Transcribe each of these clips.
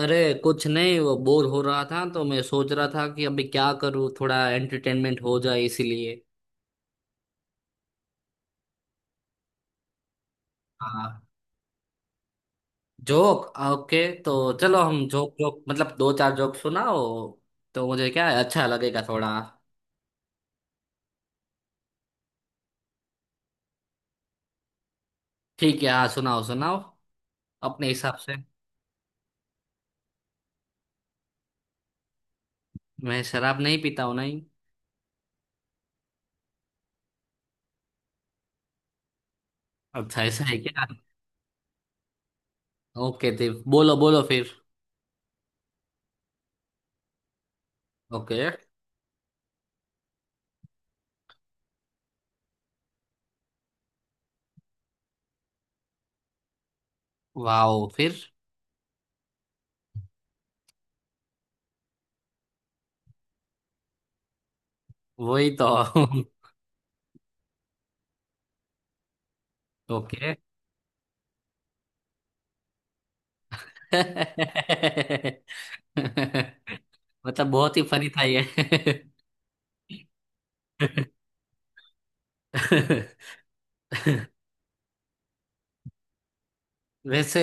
अरे। कुछ नहीं, वो बोर हो रहा था तो मैं सोच रहा था कि अभी क्या करूँ, थोड़ा एंटरटेनमेंट हो जाए इसीलिए। हाँ। जोक। ओके तो चलो हम जोक जोक मतलब दो चार जोक सुनाओ। तो मुझे क्या है, अच्छा लगेगा थोड़ा। ठीक है, हाँ सुनाओ सुनाओ, अपने हिसाब से। मैं शराब नहीं पीता हूँ, नहीं। अच्छा अच्छा, ऐसा है क्या? ओके जी। बोलो बोलो फिर। ओके। वाओ, फिर? वही तो। ओके। मतलब बहुत ही फनी था ये। वैसे,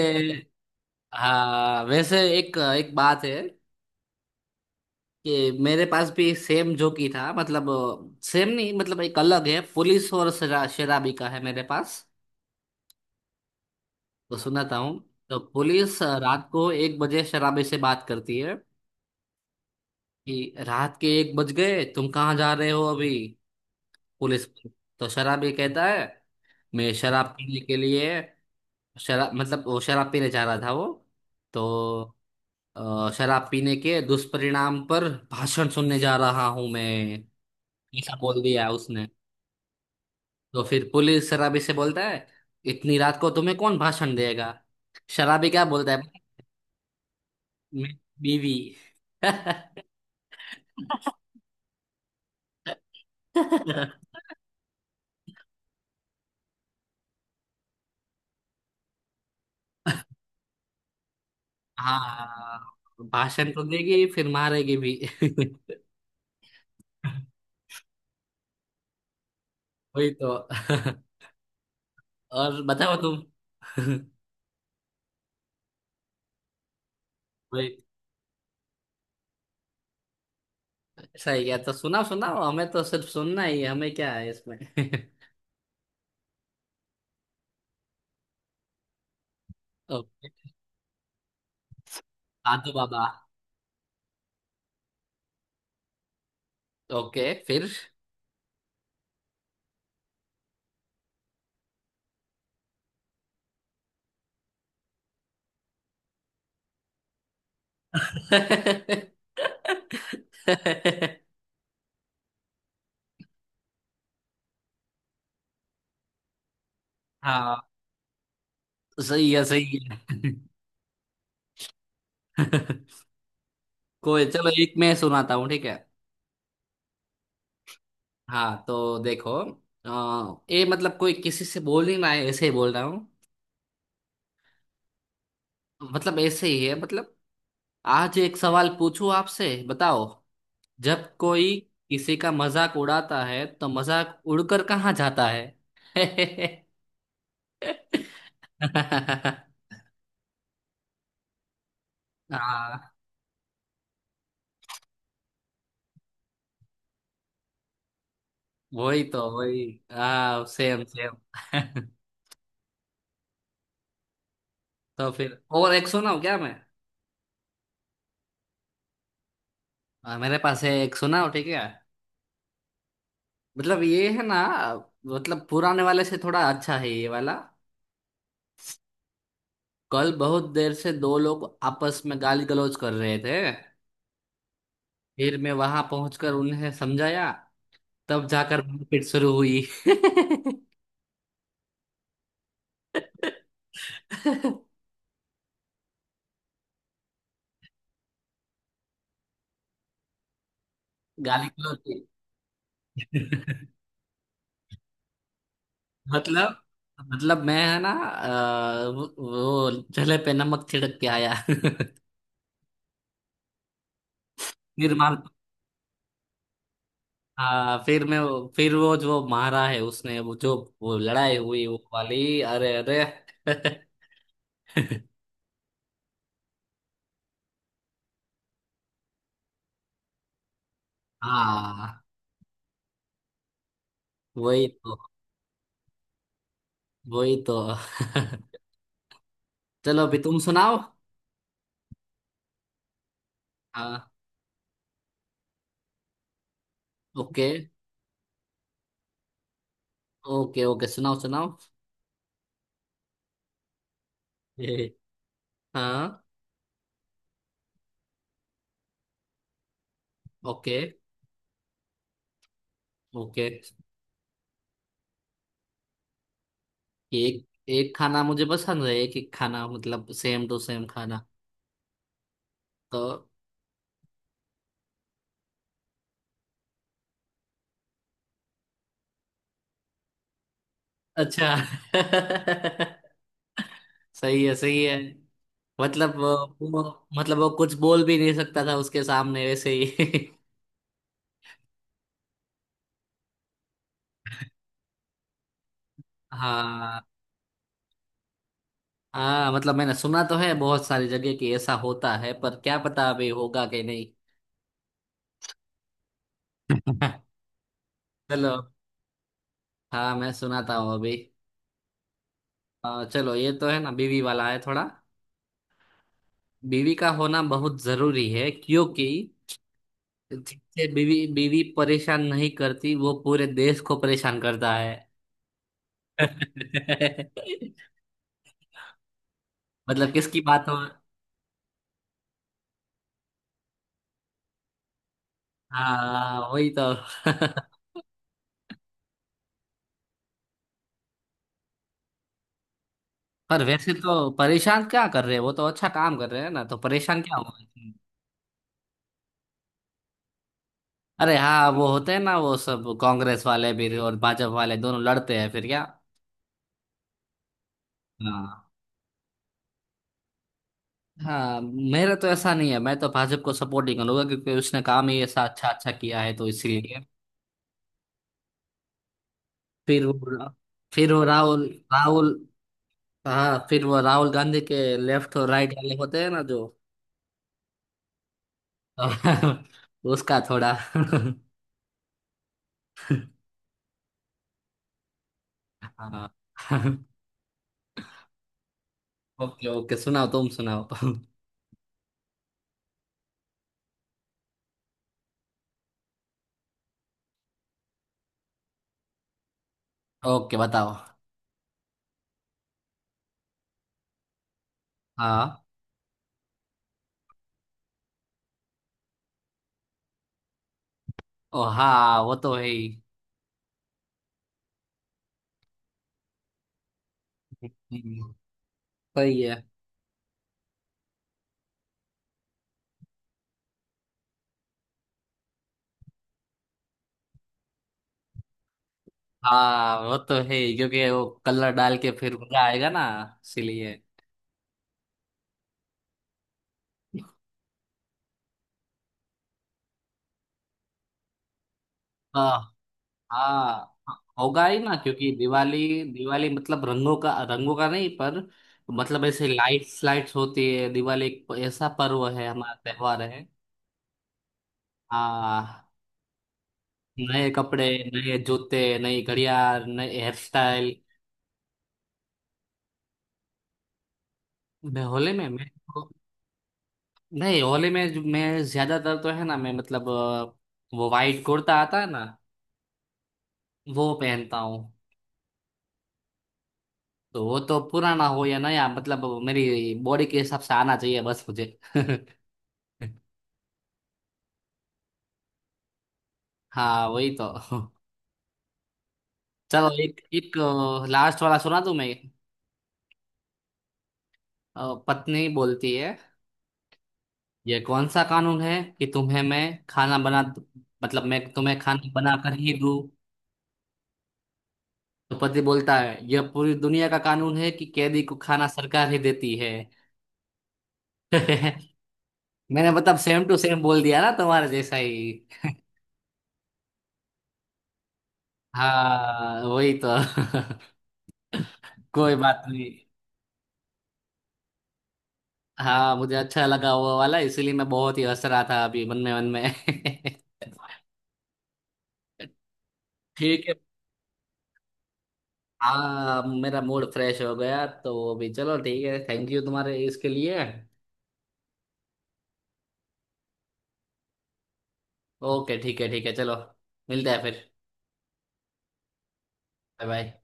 हाँ वैसे एक एक बात है कि मेरे पास भी सेम जोकी था, मतलब सेम नहीं, मतलब एक अलग है, पुलिस और शराबी का है मेरे पास। तो सुनाता हूँ। तो पुलिस रात को एक बजे शराबी से बात करती है कि रात के एक बज गए, तुम कहाँ जा रहे हो अभी, पुलिस। तो शराबी कहता है, मैं शराब पीने के लिए, शराब मतलब वो शराब पीने जा रहा था वो। तो शराब पीने के दुष्परिणाम पर भाषण सुनने जा रहा हूं मैं, ऐसा बोल दिया उसने। तो फिर पुलिस शराबी से बोलता है, इतनी रात को तुम्हें कौन भाषण देगा? शराबी क्या बोलता है, "मैं, बीवी"। हाँ, भाषण तो देगी, फिर मारेगी भी। वही तो। और बताओ तुम। वही, ऐसा ही क्या, तो सुनाओ सुनाओ, हमें तो सिर्फ सुनना ही है, हमें क्या है इसमें। ओके। साधु बाबा। ओके फिर। हाँ, सही है सही है। कोई, चलो एक मैं सुनाता हूँ ठीक है। हाँ तो देखो, ये मतलब कोई किसी से बोल नहीं रहा है, ऐसे ही बोल रहा हूँ, मतलब ऐसे ही है मतलब। आज एक सवाल पूछूं आपसे, बताओ, जब कोई किसी का मजाक उड़ाता है तो मजाक उड़कर कहाँ जाता है? हाँ, वही तो वही। हाँ सेम सेम। तो फिर और एक सुनाओ क्या मैं? मेरे पास है, एक सुनाओ ठीक है। मतलब ये है ना, मतलब पुराने वाले से थोड़ा अच्छा है ये वाला। कल बहुत देर से दो लोग आपस में गाली गलौज कर रहे थे, फिर मैं वहां पहुंचकर उन्हें समझाया, तब जाकर मारपीट शुरू हुई। गाली गलौज की। मतलब, मतलब मैं है ना वो जले पे नमक छिड़क के आया। फिर मार, हाँ फिर मैं फिर वो जो मारा है उसने, वो जो, वो लड़ाई हुई वो वाली, अरे अरे। हाँ वही तो वही तो। चलो अभी तुम सुनाओ। हाँ। Okay okay. ओके सुनाओ सुनाओ। ये, हाँ। Okay okay. एक एक खाना मुझे पसंद है, एक एक खाना मतलब सेम टू सेम खाना। तो, अच्छा। सही है सही है। मतलब वो, मतलब वो कुछ बोल भी नहीं सकता था उसके सामने वैसे ही। हाँ। हाँ मतलब मैंने सुना तो है बहुत सारी जगह कि ऐसा होता है, पर क्या पता अभी होगा कि नहीं। चलो। हाँ मैं सुनाता हूँ अभी। चलो ये तो है ना, बीवी वाला है थोड़ा। बीवी का होना बहुत जरूरी है, क्योंकि जिससे बीवी बीवी परेशान नहीं करती वो पूरे देश को परेशान करता है। मतलब किसकी बात हो। हाँ वही तो। पर वैसे तो परेशान क्या कर रहे हैं वो, तो अच्छा काम कर रहे हैं ना, तो परेशान क्या हुआ? अरे हाँ, वो होते हैं ना, वो सब कांग्रेस वाले भी और भाजपा वाले दोनों लड़ते हैं, फिर क्या। हाँ। हाँ मेरा तो ऐसा नहीं है, मैं तो भाजपा को सपोर्ट ही करूंगा क्योंकि उसने काम ही ऐसा अच्छा अच्छा किया है तो इसीलिए। फिर वो, फिर वो राहुल, राहुल, हाँ फिर वो राहुल गांधी के लेफ्ट और राइट वाले होते हैं ना जो। उसका थोड़ा। हाँ। ओके ओके, सुनाओ तुम सुनाओ। ओके बताओ। हाँ। ओ हाँ, वो तो है ही। हम्म, सही है। हाँ वो तो है ही, क्योंकि वो कलर डाल के फिर मजा आएगा ना, इसीलिए। हाँ। हाँ। हाँ, होगा ही ना, क्योंकि दिवाली, दिवाली मतलब रंगों का, रंगों का नहीं पर, मतलब ऐसे लाइट्स लाइट्स होती है। दिवाली एक ऐसा पर्व है, हमारा त्योहार है। हाँ। नए कपड़े, नए जूते, नई घड़ियाल, नए हेयर स्टाइल। मैं होले में मैं, नहीं होली में जो मैं ज्यादातर तो है ना, मैं मतलब वो वाइट कुर्ता आता है ना, वो पहनता हूँ। तो वो तो पुराना हो या नया, मतलब मेरी बॉडी के हिसाब से आना चाहिए बस मुझे। हाँ वही तो। चलो एक एक, लास्ट वाला सुना दूं मैं। पत्नी बोलती है, ये कौन सा कानून है कि तुम्हें मैं खाना बना, मतलब मैं तुम्हें खाना बना कर ही दूं? तो पति बोलता है, यह पूरी दुनिया का कानून है कि कैदी को खाना सरकार ही देती है। मैंने मतलब सेम टू सेम बोल दिया ना तुम्हारे जैसा ही। हाँ वही तो। कोई बात नहीं। हाँ मुझे अच्छा लगा वो वाला, इसीलिए मैं बहुत ही हंस रहा था अभी, मन में मन में। ठीक है। हाँ मेरा मूड फ्रेश हो गया तो अभी, चलो ठीक है, थैंक यू तुम्हारे इसके लिए। ओके ठीक है ठीक है, चलो मिलते हैं फिर। Bye bye.